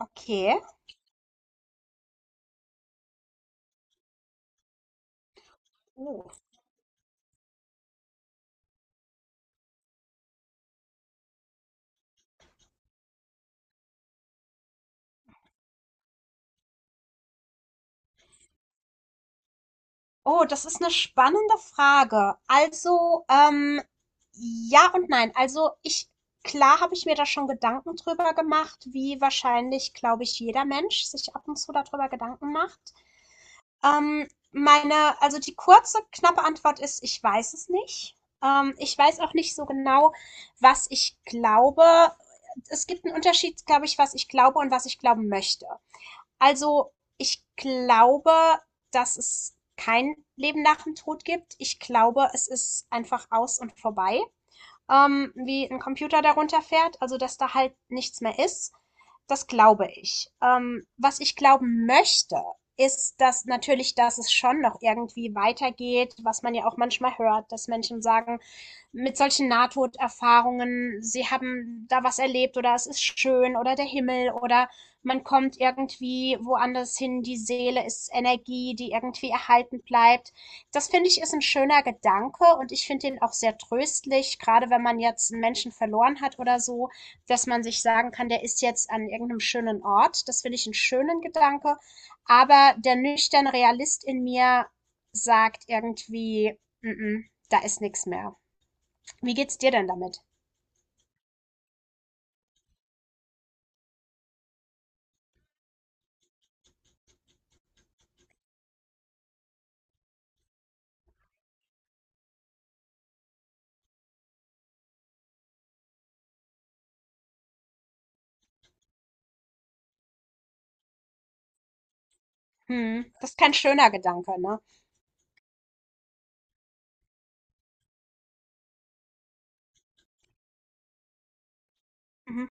Okay. Oh, Oh, das ist eine spannende Frage. Also, ja und nein. Also klar habe ich mir da schon Gedanken drüber gemacht, wie wahrscheinlich, glaube ich, jeder Mensch sich ab und zu darüber Gedanken macht. Also die kurze, knappe Antwort ist: ich weiß es nicht. Ich weiß auch nicht so genau, was ich glaube. Es gibt einen Unterschied, glaube ich, was ich glaube und was ich glauben möchte. Also, ich glaube, dass es kein Leben nach dem Tod gibt. Ich glaube, es ist einfach aus und vorbei, wie ein Computer darunter fährt, also dass da halt nichts mehr ist. Das glaube ich. Was ich glauben möchte, ist, dass natürlich, dass es schon noch irgendwie weitergeht, was man ja auch manchmal hört, dass Menschen sagen, mit solchen Nahtoderfahrungen, sie haben da was erlebt oder es ist schön oder der Himmel oder man kommt irgendwie woanders hin, die Seele ist Energie, die irgendwie erhalten bleibt. Das finde ich, ist ein schöner Gedanke, und ich finde ihn auch sehr tröstlich, gerade wenn man jetzt einen Menschen verloren hat oder so, dass man sich sagen kann, der ist jetzt an irgendeinem schönen Ort. Das finde ich einen schönen Gedanke. Aber der nüchterne Realist in mir sagt irgendwie, mm -mm, da ist nichts mehr. Wie geht's dir denn damit? Mhm. Das ist kein schöner Gedanke, ne? Mhm.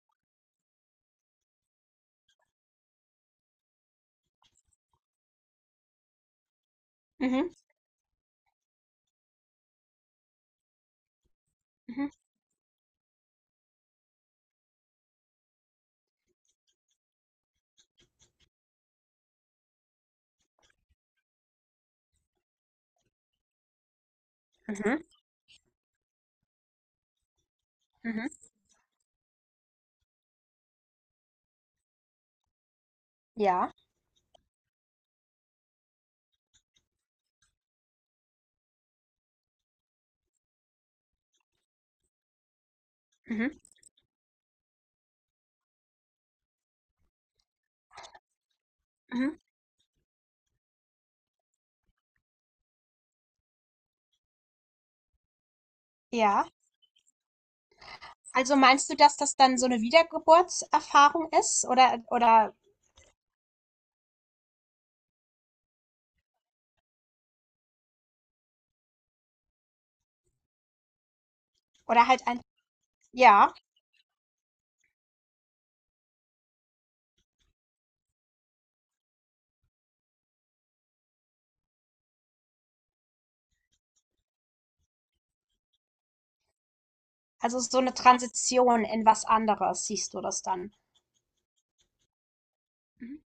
Mhm. Mhm. Mhm. Mhm. Ja. Mhm. Mhm. Ja. Also meinst du, dass das dann so eine Wiedergeburtserfahrung ist? Oder halt ja, also so eine Transition in was anderes, siehst du das dann? Mhm.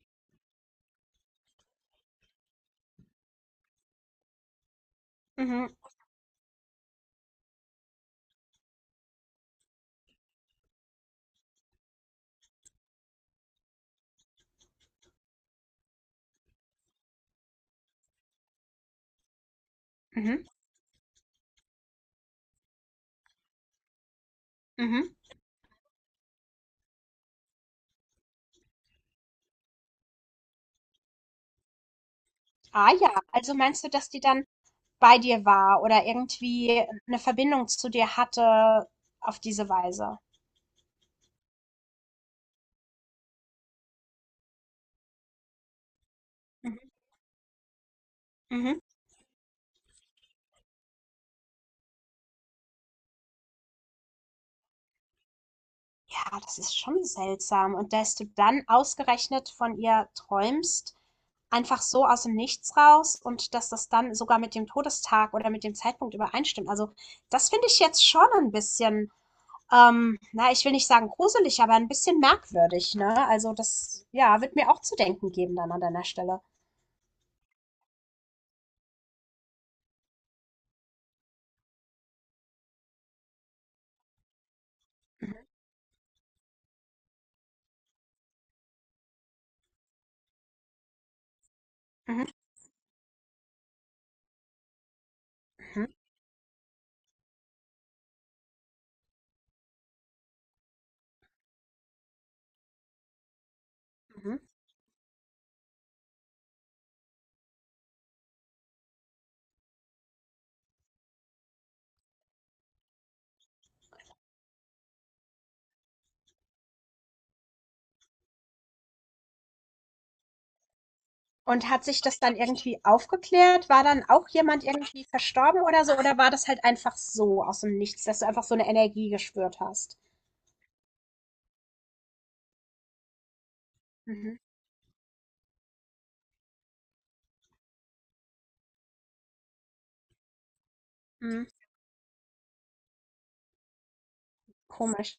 Mhm. Mhm. Mhm. Ah ja, also meinst du, dass die dann bei dir war oder irgendwie eine Verbindung zu dir hatte auf diese Weise? Mhm. Mhm. Ja, das ist schon seltsam. Und dass du dann ausgerechnet von ihr träumst, einfach so aus dem Nichts raus, und dass das dann sogar mit dem Todestag oder mit dem Zeitpunkt übereinstimmt. Also, das finde ich jetzt schon ein bisschen, na, ich will nicht sagen gruselig, aber ein bisschen merkwürdig, ne? Also, das, ja, wird mir auch zu denken geben dann an deiner Stelle. Mhm, mhm, mhm, mhm. Und hat sich das dann irgendwie aufgeklärt? War dann auch jemand irgendwie verstorben oder so? Oder war das halt einfach so aus dem Nichts, dass du einfach so eine Energie gespürt hast? Mhm, mhm, komisch.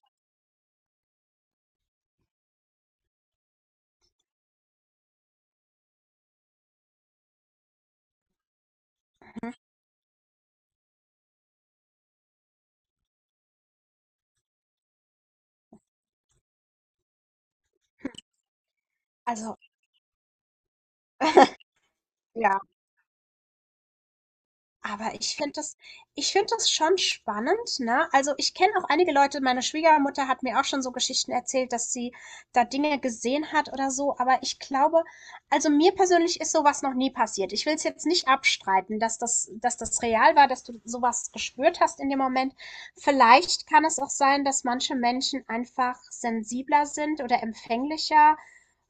Also, ja. Aber ich finde das schon spannend, ne? Also, ich kenne auch einige Leute, meine Schwiegermutter hat mir auch schon so Geschichten erzählt, dass sie da Dinge gesehen hat oder so. Aber ich glaube, also, mir persönlich ist so was noch nie passiert. Ich will es jetzt nicht abstreiten, dass dass das real war, dass du sowas gespürt hast in dem Moment. Vielleicht kann es auch sein, dass manche Menschen einfach sensibler sind oder empfänglicher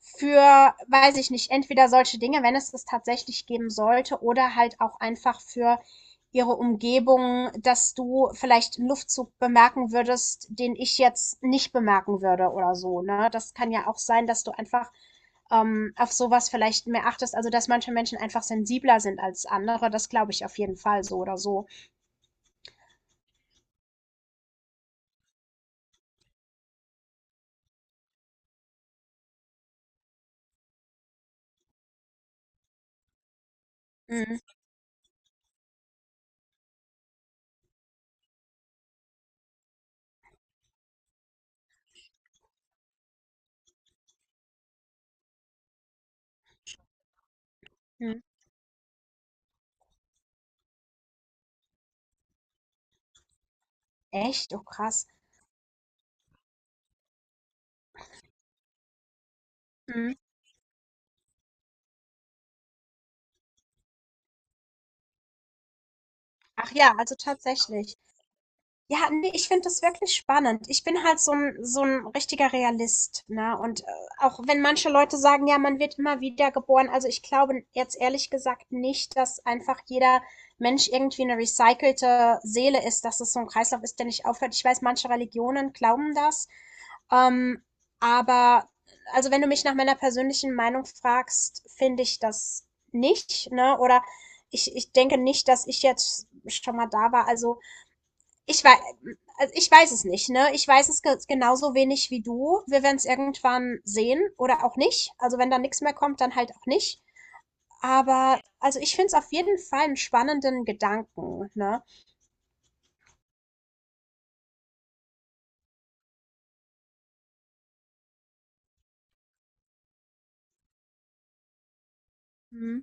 für, weiß ich nicht, entweder solche Dinge, wenn es das tatsächlich geben sollte, oder halt auch einfach für ihre Umgebung, dass du vielleicht einen Luftzug bemerken würdest, den ich jetzt nicht bemerken würde oder so. Ne? Das kann ja auch sein, dass du einfach auf sowas vielleicht mehr achtest. Also, dass manche Menschen einfach sensibler sind als andere, das glaube ich auf jeden Fall so oder so. Mhm. Mhm. Echt? Oh, krass. Mhm. Ach ja, also tatsächlich. Ja, ne, ich finde das wirklich spannend. Ich bin halt so ein richtiger Realist, ne? Und, auch wenn manche Leute sagen: „Ja, man wird immer wieder geboren", also, ich glaube jetzt ehrlich gesagt nicht, dass einfach jeder Mensch irgendwie eine recycelte Seele ist, dass es so ein Kreislauf ist, der nicht aufhört. Ich weiß, manche Religionen glauben das, ähm, aber, also, wenn du mich nach meiner persönlichen Meinung fragst, finde ich das nicht, ne? Oder ich denke nicht, dass ich jetzt schon mal da war. Ich weiß, also ich weiß es nicht, ne? Ich weiß es ge genauso wenig wie du. Wir werden es irgendwann sehen oder auch nicht. Also wenn da nichts mehr kommt, dann halt auch nicht. Aber also ich finde es auf jeden Fall einen spannenden Gedanken, ne? Mhm,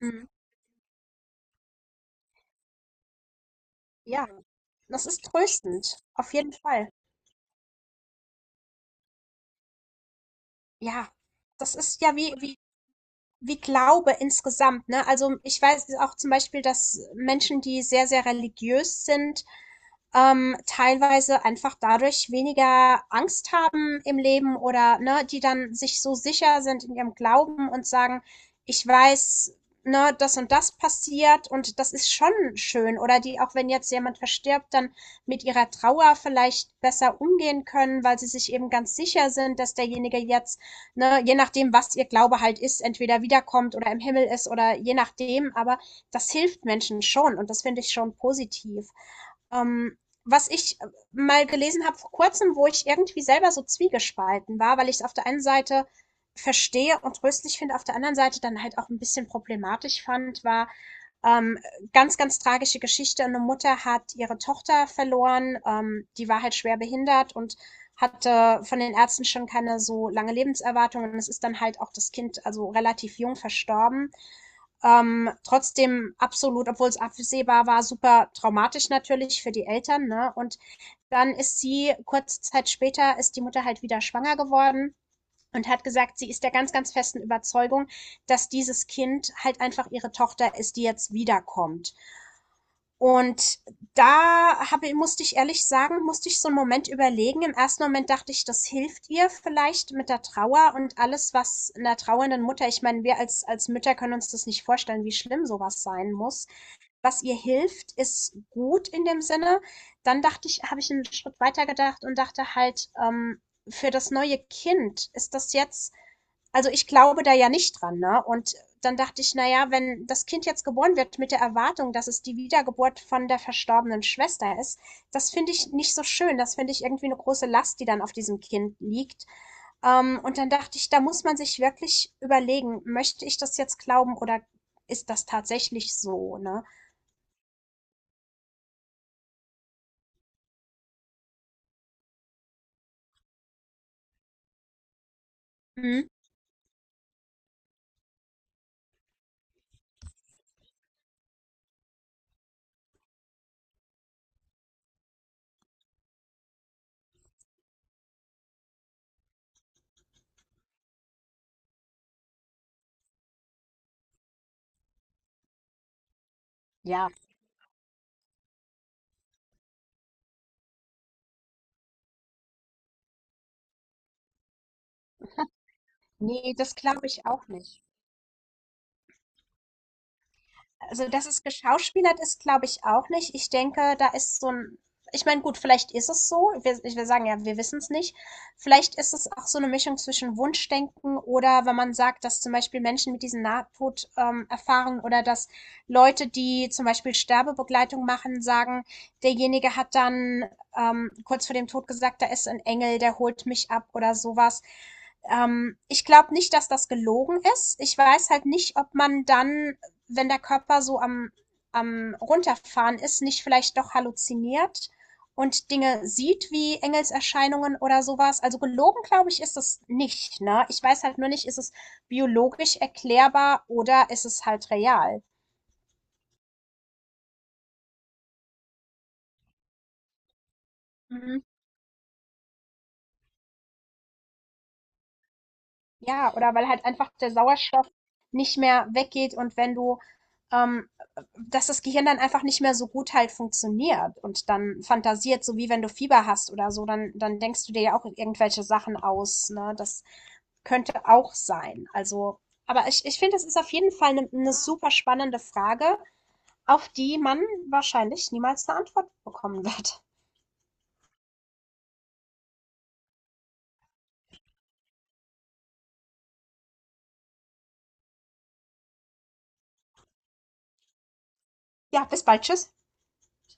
mhm. Ja, das ist tröstend, auf jeden Fall. Ja, das ist ja wie Glaube insgesamt, ne? Also, ich weiß auch zum Beispiel, dass Menschen, die sehr, sehr religiös sind, teilweise einfach dadurch weniger Angst haben im Leben, oder ne, die dann sich so sicher sind in ihrem Glauben und sagen, ich weiß, ne, das und das passiert und das ist schon schön. Oder die, auch wenn jetzt jemand verstirbt, dann mit ihrer Trauer vielleicht besser umgehen können, weil sie sich eben ganz sicher sind, dass derjenige jetzt, ne, je nachdem, was ihr Glaube halt ist, entweder wiederkommt oder im Himmel ist oder je nachdem, aber das hilft Menschen schon, und das finde ich schon positiv. Ähm, was ich mal gelesen habe vor Kurzem, wo ich irgendwie selber so zwiegespalten war, weil ich es auf der einen Seite verstehe und tröstlich finde, auf der anderen Seite dann halt auch ein bisschen problematisch fand, war ähm, ganz, ganz tragische Geschichte. Eine Mutter hat ihre Tochter verloren, die war halt schwer behindert und hatte von den Ärzten schon keine so lange Lebenserwartung, und es ist dann halt auch das Kind also relativ jung verstorben. Trotzdem absolut, obwohl es absehbar war, super traumatisch natürlich für die Eltern, ne? Und dann ist sie, kurze Zeit später, ist die Mutter halt wieder schwanger geworden und hat gesagt, sie ist der ganz, ganz festen Überzeugung, dass dieses Kind halt einfach ihre Tochter ist, die jetzt wiederkommt. Und da musste ich ehrlich sagen, musste ich so einen Moment überlegen. Im ersten Moment dachte ich, das hilft ihr vielleicht mit der Trauer und alles, was einer trauernden Mutter, ich meine, wir als Mütter können uns das nicht vorstellen, wie schlimm sowas sein muss. Was ihr hilft, ist gut in dem Sinne. Dann dachte ich, habe ich einen Schritt weiter gedacht und dachte halt, für das neue Kind ist das jetzt, also ich glaube da ja nicht dran, ne? Und dann dachte ich, naja, wenn das Kind jetzt geboren wird mit der Erwartung, dass es die Wiedergeburt von der verstorbenen Schwester ist, das finde ich nicht so schön. Das finde ich irgendwie eine große Last, die dann auf diesem Kind liegt. Und dann dachte ich, da muss man sich wirklich überlegen: möchte ich das jetzt glauben, oder ist das tatsächlich so, ne? Mhm. Ja, nee, das glaube ich auch nicht. Also, dass es geschauspielert ist, glaube ich auch nicht. Ich denke, da ist ich meine, gut, vielleicht ist es so. Wir ich will sagen, ja, wir wissen es nicht. Vielleicht ist es auch so eine Mischung zwischen Wunschdenken, oder wenn man sagt, dass zum Beispiel Menschen mit diesen Nahtod Erfahrungen, oder dass Leute, die zum Beispiel Sterbebegleitung machen, sagen, derjenige hat dann, kurz vor dem Tod, gesagt: „Da ist ein Engel, der holt mich ab" oder sowas. Ich glaube nicht, dass das gelogen ist. Ich weiß halt nicht, ob man dann, wenn der Körper so am Runterfahren ist, nicht vielleicht doch halluziniert und Dinge sieht wie Engelserscheinungen oder sowas. Also gelogen, glaube ich, ist es nicht. Ne? Ich weiß halt nur nicht, ist es biologisch erklärbar oder ist es halt real. Mhm. Ja, oder weil halt einfach der Sauerstoff nicht mehr weggeht und wenn du, ähm, dass das Gehirn dann einfach nicht mehr so gut halt funktioniert und dann fantasiert, so wie wenn du Fieber hast oder so, dann denkst du dir ja auch irgendwelche Sachen aus, ne? Das könnte auch sein. Also, aber ich finde, es ist auf jeden Fall eine super spannende Frage, auf die man wahrscheinlich niemals eine Antwort bekommen wird. Ja, bis bald, tschüss.